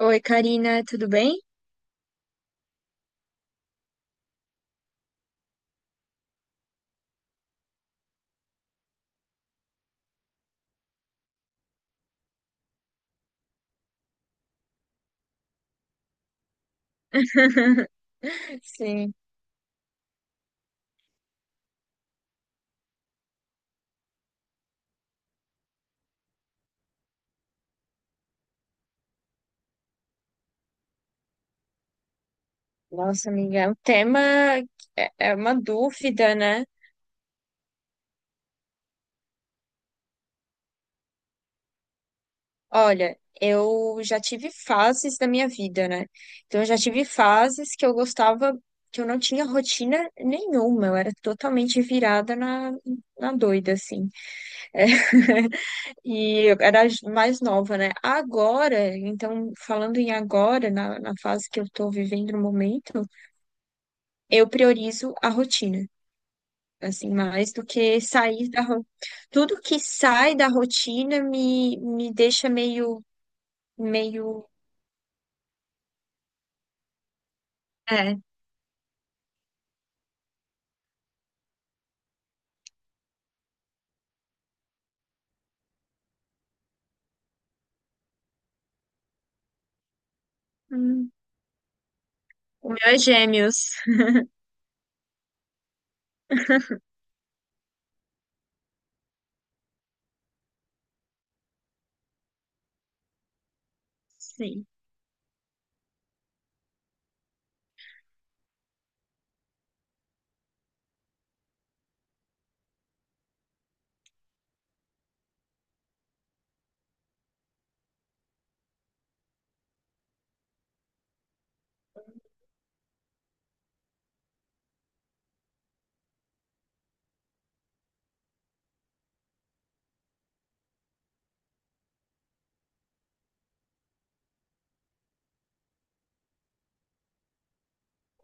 Oi, Karina, tudo bem? Sim. Nossa, amiga, o tema é uma dúvida, né? Olha, eu já tive fases da minha vida, né? Então, eu já tive fases que eu gostava, que eu não tinha rotina nenhuma, eu era totalmente virada na doida, assim. É. E eu era mais nova, né? Agora, então, falando em agora, na fase que eu tô vivendo no momento, eu priorizo a rotina. Assim, mais do que sair da. Tudo que sai da rotina me deixa meio. É. Hum. O meu é gêmeos. Sim.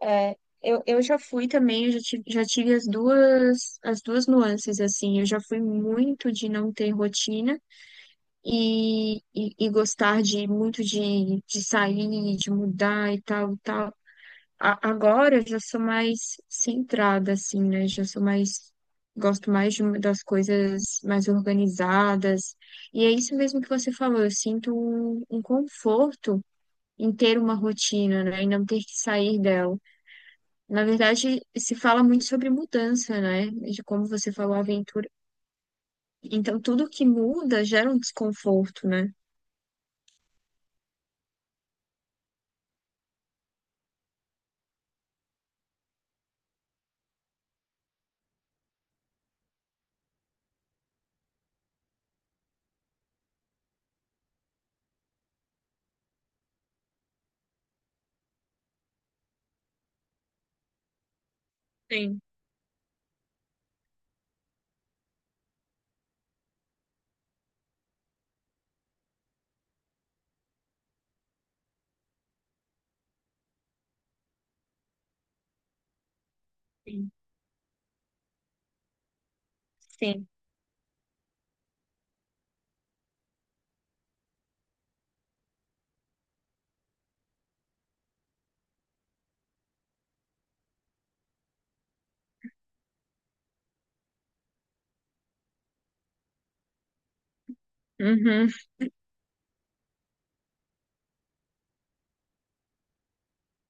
É, eu já fui também, eu já tive as duas nuances, assim, eu já fui muito de não ter rotina e gostar de muito de sair, de mudar e tal, tal. Agora eu já sou mais centrada, assim, né? Já sou mais. Gosto mais de das coisas mais organizadas. E é isso mesmo que você falou. Eu sinto um conforto em ter uma rotina, né? E não ter que sair dela. Na verdade, se fala muito sobre mudança, né? De como você falou, aventura. Então, tudo que muda gera um desconforto, né? Sim, sim, sim. Uhum.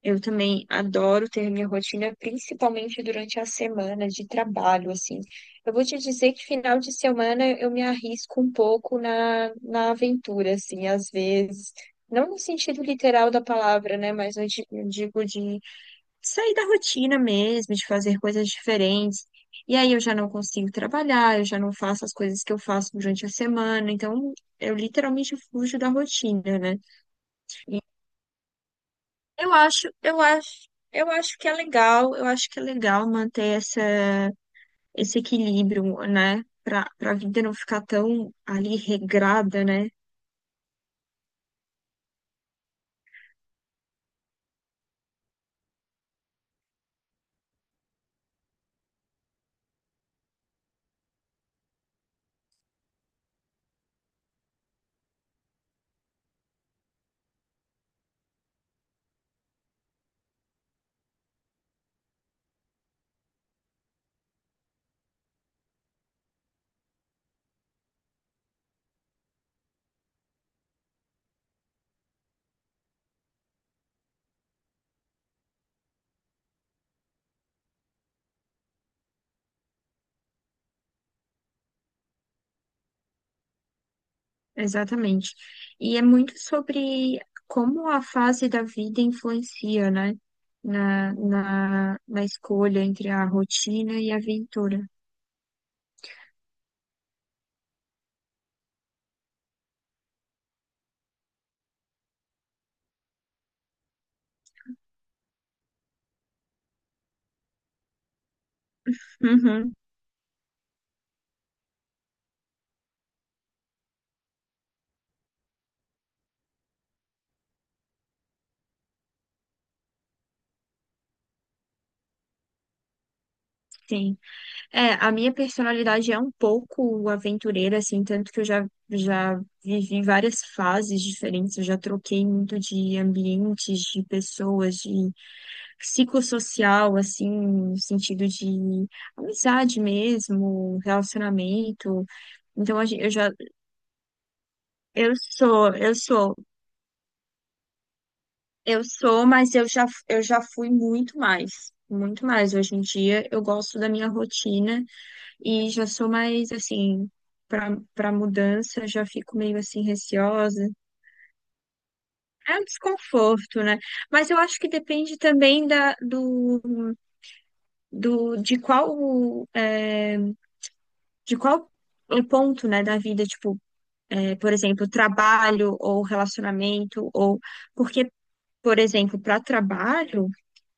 Eu também adoro ter minha rotina, principalmente durante a semana de trabalho, assim. Eu vou te dizer que final de semana eu me arrisco um pouco na aventura, assim, às vezes. Não no sentido literal da palavra, né? Mas eu digo de sair da rotina mesmo, de fazer coisas diferentes. E aí eu já não consigo trabalhar, eu já não faço as coisas que eu faço durante a semana. Então, eu literalmente fujo da rotina, né? Eu acho que é legal manter esse equilíbrio, né? Para a vida não ficar tão ali regrada, né? Exatamente. E é muito sobre como a fase da vida influencia, né? Na escolha entre a rotina e a aventura. Uhum, sim. É, a minha personalidade é um pouco aventureira, assim, tanto que eu já vivi várias fases diferentes, eu já troquei muito de ambientes, de pessoas, de psicossocial, assim, no sentido de amizade mesmo, relacionamento. Então, a gen- eu já, eu sou, eu sou, eu sou, mas eu já fui muito mais, muito mais. Hoje em dia, eu gosto da minha rotina. E já sou mais assim, pra mudança, já fico meio assim receosa. É um desconforto, né? Mas eu acho que depende também do, de qual, é, de qual ponto, né, da vida, tipo, por exemplo, trabalho ou relacionamento, ou porque, por exemplo, para trabalho,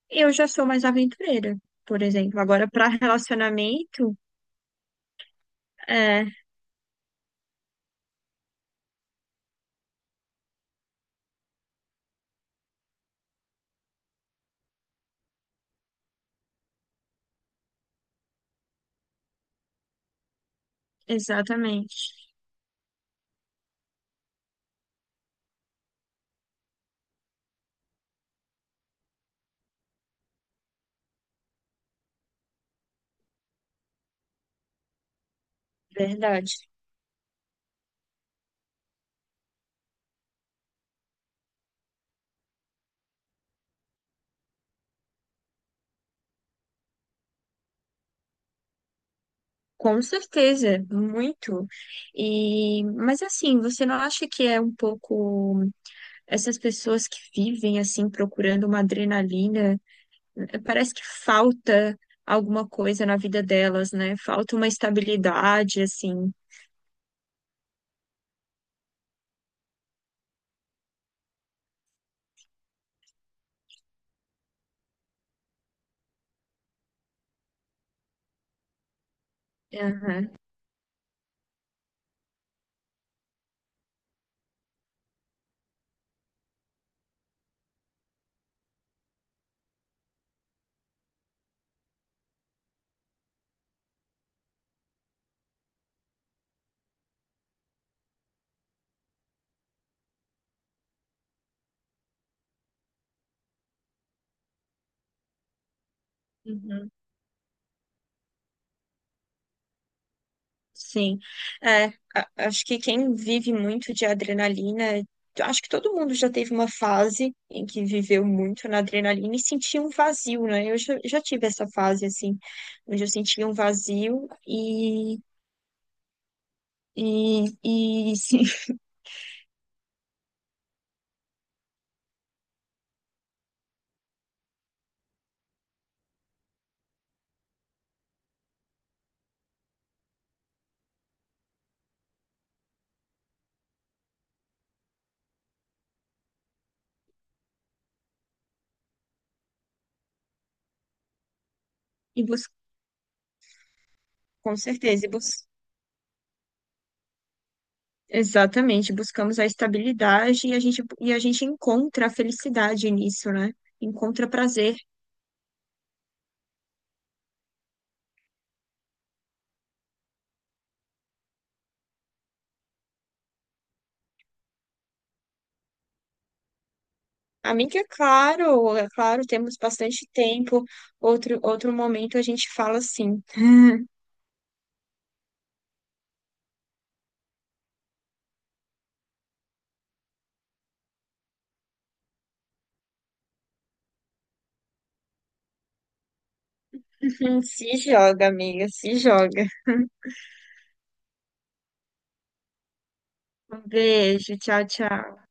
eu já sou mais aventureira, por exemplo. Agora, para relacionamento, é, exatamente. Verdade. Com certeza, muito. Mas assim, você não acha que é um pouco essas pessoas que vivem assim procurando uma adrenalina, parece que falta alguma coisa na vida delas, né? Falta uma estabilidade assim. É. Uhum. Sim, é, acho que quem vive muito de adrenalina, eu acho que todo mundo já teve uma fase em que viveu muito na adrenalina e sentia um vazio, né? Eu já tive essa fase, assim, onde eu sentia um vazio. E, e, e, sim, e bus- com certeza, exatamente, buscamos a estabilidade e a gente encontra a felicidade nisso, né? Encontra prazer. Amiga, claro, é claro, temos bastante tempo. Outro momento a gente fala assim. Se joga, amiga, se joga. Um beijo, tchau, tchau.